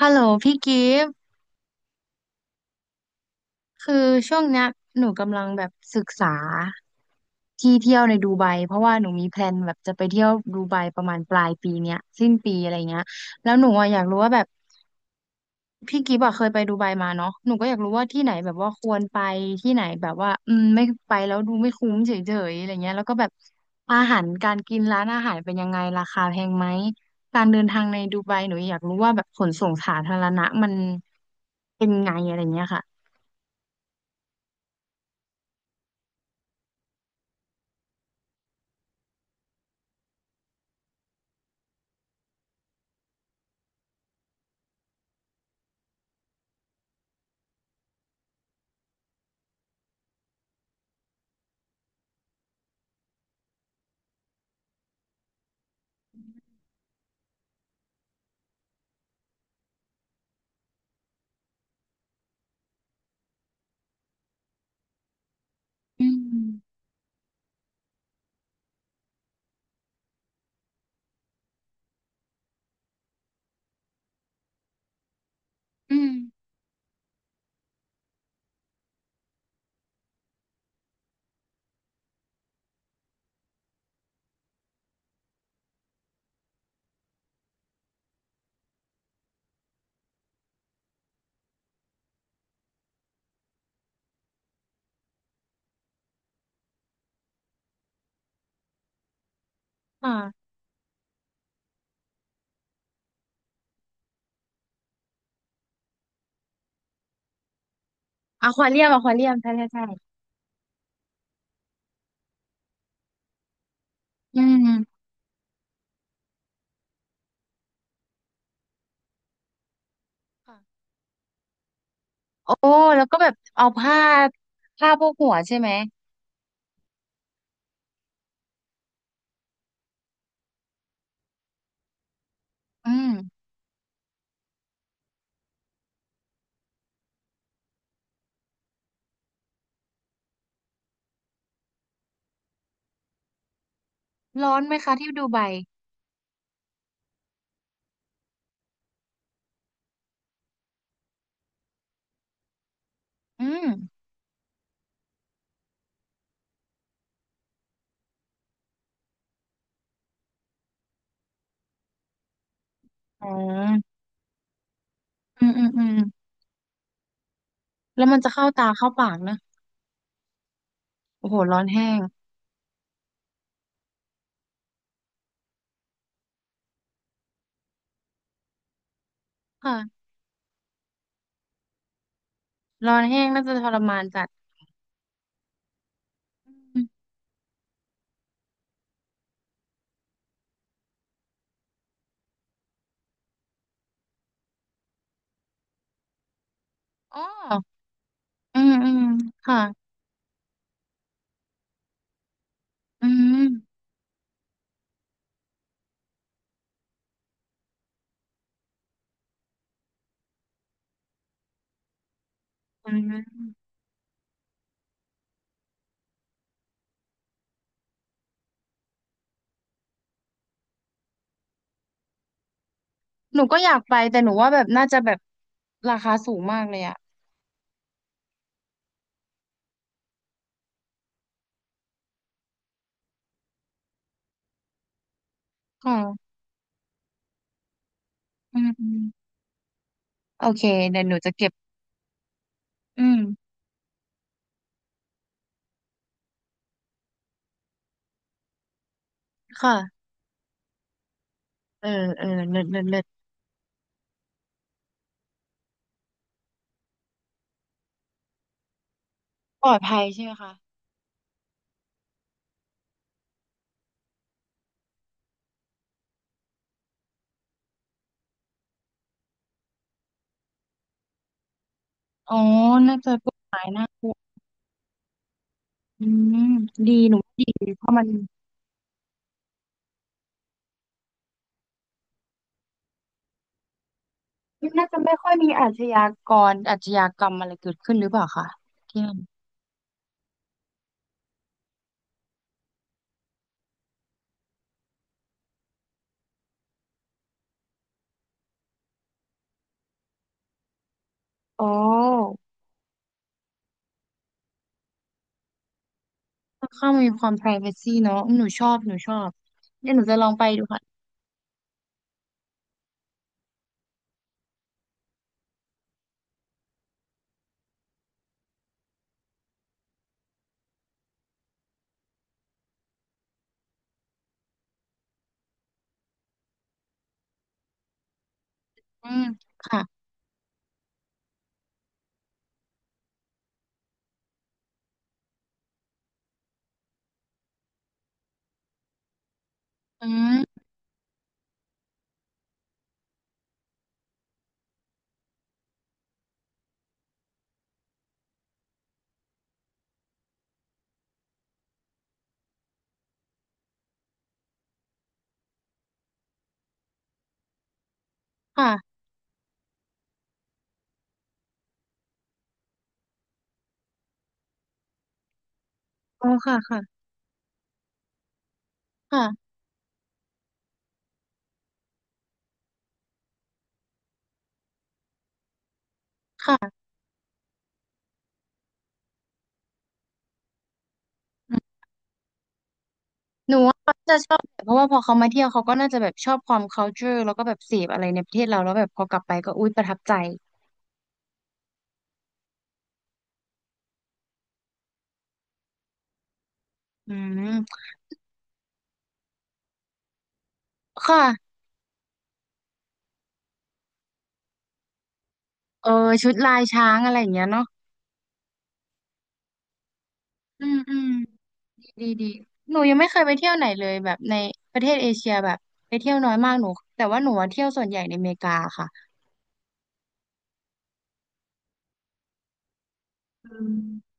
ฮัลโหลพี่กิฟต์คือช่วงเนี้ยหนูกำลังแบบศึกษาที่เที่ยวในดูไบเพราะว่าหนูมีแพลนแบบจะไปเที่ยวดูไบประมาณปลายปีเนี้ยสิ้นปีอะไรเงี้ยแล้วหนูอะอยากรู้ว่าแบบพี่กิฟต์อะเคยไปดูไบมาเนาะหนูก็อยากรู้ว่าที่ไหนแบบว่าควรไปที่ไหนแบบว่าไม่ไปแล้วดูไม่คุ้มเฉยๆอะไรเงี้ยแล้วก็แบบอาหารการกินร้านอาหารเป็นยังไงราคาแพงไหมการเดินทางในดูไบหนูอยากรู้ว่าแบบขนส่งสาธารณะมันเป็นไงอะไรเงี้ยค่ะ อืมอืมค่ะอควาเรียมอควาเรียมใช่ใช่ใช่อืมค่ะโอ้แล้วก็แบบเอาผ้าผ้าโพกหัวใช่ไหมอืมร้อนไหมคะที่ดูไบอืมอ๋ออืมอืมอืมแล้วมันจะเข้าตาเข้าปากนะโอ้โหร้อนแห้งค่ะร้อนแห้งน่าจะทรมานจัดอืมอ๋ออืมอืมค่ะอืมอืมหนูก็อยากไปแต่หนูว่าแบบน่าจะแบบราคาสูงมากเลยอะค่ะอืมอืมโอเคเดี๋ยวหนูจะเก็บ อืมค่ะเออเออเลิศเลิศเลิศปลอดภัยใช่ไหมคะอ๋อน่าจะกฎหมายน่ากลัวอืมดีหนูว่าดีเพราะมันน่าจะไม่ค่อยมีอาชญากรอาชญากรรมอะไรเกิดขึ้นหรือเปล่าคะที่นั่นโอ้ค่อนข้างมีความ privacy เนอะอืมหนูชอบหนูชอบเดี๋ยวหนูจะลองไปดูค่ะอืมค่ะอืมค่ะอ๋อค่ะค่ะค่ะค่ะ หนูว่าเขาจะชอบแบบเพราะว่าพอเขามาเที่ยวเขาก็น่าจะแบบชอบความ culture แล้วก็แบบเสพอะไรในประเทศเราแล้วแบบพอกลับไปก็อุ๊ยประทับใจอืมค่ะเออชุดลายช้างอะไรอย่างเงี้ยเนาะอืมอืมดีดีดีหนูยังไม่เคยไปเที่ยวไหนเลยแบบในประเทศเอเชียแบบไปเที่ยวน้อยมากหนูแต่ว่าหนูว่าเที่ยวส่วนใหญ่ในอเมริกาค่ะอืม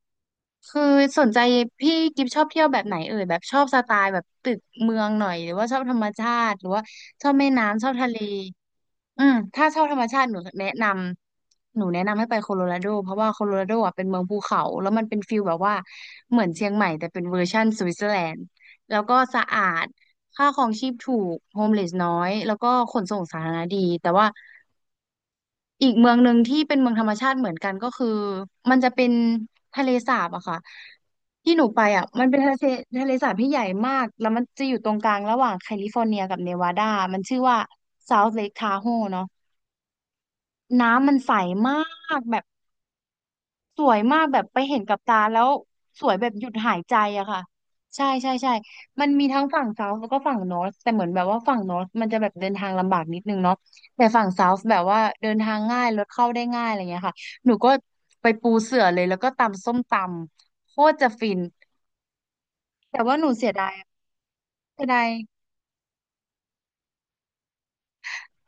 คือสนใจพี่กิฟชอบเที่ยวแบบไหนเอ่ยแบบชอบสไตล์แบบตึกเมืองหน่อยหรือว่าชอบธรรมชาติหรือว่าชอบแม่น้ำชอบทะเล อืมถ้าชอบธรรมชาติหนูแนะนำให้ไปโคโลราโดเพราะว่าโคโลราโดอ่ะเป็นเมืองภูเขาแล้วมันเป็นฟิลแบบว่าเหมือนเชียงใหม่แต่เป็นเวอร์ชั่นสวิตเซอร์แลนด์แล้วก็สะอาดค่าครองชีพถูกโฮมเลสน้อยแล้วก็ขนส่งสาธารณะดีแต่ว่าอีกเมืองหนึ่งที่เป็นเมืองธรรมชาติเหมือนกันก็คือมันจะเป็นทะเลสาบอะค่ะที่หนูไปอ่ะมันเป็นทะเลสาบที่ใหญ่มากแล้วมันจะอยู่ตรงกลางระหว่างแคลิฟอร์เนียกับเนวาดามันชื่อว่า South Lake Tahoe เนอะ น้ำมันใสมากแบบสวยมากแบบไปเห็นกับตาแล้วสวยแบบหยุดหายใจอะค่ะใช่ใช่ใช่มันมีทั้งฝั่งเซาท์แล้วก็ฝั่งนอร์ h แต่เหมือนแบบว่าฝั่งนอร์ h มันจะแบบเดินทางลำบากนิดนึงเนาะแต่ฝั่งเซาท์แบบว่าเดินทางง่ายรถเข้าได้ง่ายอะไรเงี้ยค่ะหนูก็ไปปูเสื่อเลยแล้วก็ตำส้มตำโคตรจะฟินแต่ว่าหนูเสียดายเสียดาย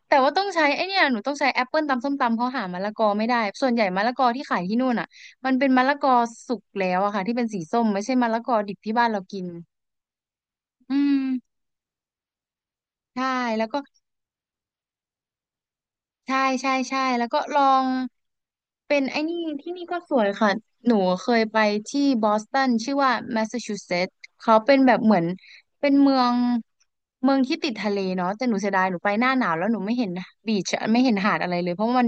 แต่ว่าต้องใช้ไอเนี่ยหนูต้องใช้แอปเปิลตำส้มตำเขาหามะละกอไม่ได้ส่วนใหญ่มะละกอที่ขายที่นู่นอ่ะมันเป็นมะละกอสุกแล้วอะค่ะที่เป็นสีส้มไม่ใช่มะละกอดิบที่บ้านเรากินอืมใช่แล้วก็ใช่ใช่ใช่แล้วก็ลองเป็นไอ้นี่ที่นี่ก็สวยค่ะหนูเคยไปที่บอสตันชื่อว่าแมสซาชูเซตส์เขาเป็นแบบเหมือนเป็นเมืองที่ติดทะเลเนาะแต่หนูเสียดายหนูไปหน้าหนาวแล้วหนูไม่เห็นบีชไม่เห็นหาดอะไรเลยเพราะว่ามัน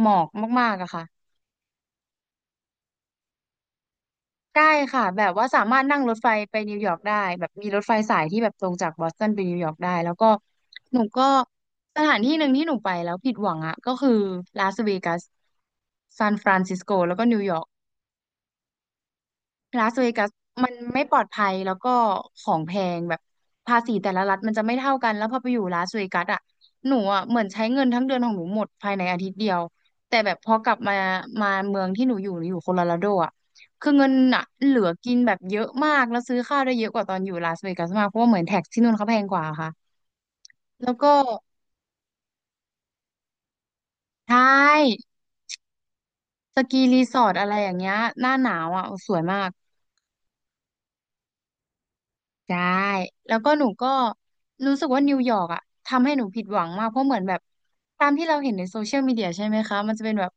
หมอกมากๆอะค่ะ ได้ค่ะแบบว่าสามารถนั่งรถไฟไปนิวยอร์กได้แบบมีรถไฟสายที่แบบตรงจากบอสตันไปนิวยอร์กได้แล้วก็หนูก็สถานที่หนึ่งที่หนูไปแล้วผิดหวังอ่ะก็คือลาสเวกัสซานฟรานซิสโกแล้วก็นิวยอร์ก ลาสเวกัสมันไม่ปลอดภัยแล้วก็ของแพงแบบภาษีแต่ละรัฐมันจะไม่เท่ากันแล้วพอไปอยู่ลาสเวกัสอ่ะหนูอ่ะเหมือนใช้เงินทั้งเดือนของหนูหมดภายในอาทิตย์เดียวแต่แบบพอกลับมาเมืองที่หนูอยู่หนูอยู่โคโลราโดอ่ะคือเงินอ่ะเหลือกินแบบเยอะมากแล้วซื้อข้าวได้เยอะกว่าตอนอยู่ลาสเวกัสมากเพราะว่าเหมือนแท็กที่นู่นเขาแพงกว่าค่ะแล้วก็ใช่สกีรีสอร์ทอะไรอย่างเงี้ยหน้าหนาวอ่ะสวยมาก ใช่แล้วก็หนูก็รู้สึกว่านิวยอร์กอะทำให้หนูผิดหวังมากเพราะเหมือนแบบตามที่เราเห็นในโซเชียลมีเดียใช่ไหมคะมันจะเป็นแบบ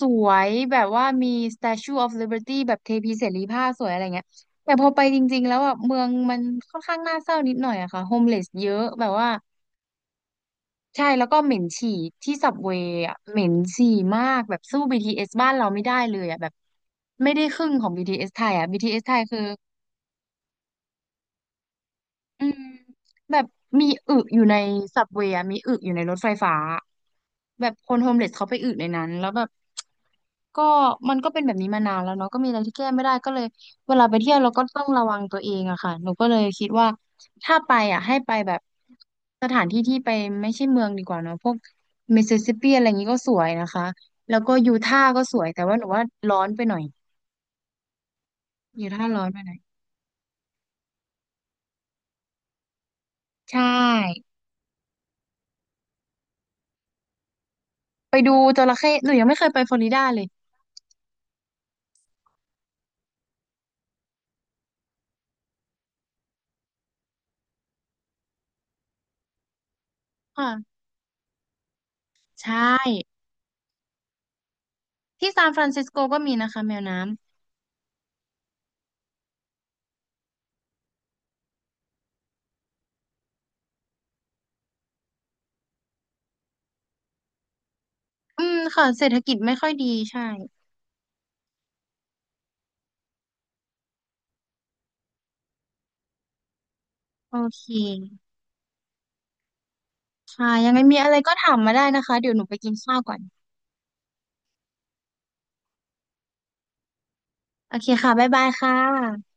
สวยแบบว่ามี Statue of Liberty แบบเทพีเสรีภาพสวยอะไรเงี้ยแต่พอไปจริงๆแล้วอะเมืองมันค่อนข้างน่าเศร้านิดหน่อยอะค่ะโฮมเลสเยอะแบบว่าใช่แล้วก็เหม็นฉี่ที่สับเวย์อะเหม็นฉี่มากแบบสู้ BTS บ้านเราไม่ได้เลยอะแบบไม่ได้ครึ่งของบีทีเอสไทยอะบีทีเอสไทยคือ อืมแบบมีอึอยู่ในสับเวย์มีอึอยู่ในรถไฟฟ้าแบบคนโฮมเลสเขาไปอึในนั้นแล้วแบบก็มันก็เป็นแบบนี้มานานแล้วเนาะก็มีอะไรที่แก้ไม่ได้ก็เลยเวลาไปเที่ยวเราก็ต้องระวังตัวเองอะค่ะหนูก็เลยคิดว่าถ้าไปอะให้ไปแบบสถานที่ที่ไปไม่ใช่เมืองดีกว่าเนาะพวกมิสซิสซิปปีอะไรอย่างนี้ก็สวยนะคะแล้วก็ยูทาห์ก็สวยแต่ว่าหนูว่าร้อนไปหน่อยยูทาห์ร้อนไปหน่อยใช่ไปดูจระเข้หนูยังไม่เคยไปฟลอริดาเลยค่ะ ใช่ที่ซานฟรานซิสโกก็มีนะคะแมวน้ำอืมค่ะเศรษฐกิจไม่ค่อยดีใช่โอเคค่ะยังไงมีอะไรก็ถามมาได้นะคะเดี๋ยวหนูไปกินข้าวก่อนโอเคค่ะบ๊ายบายค่ะ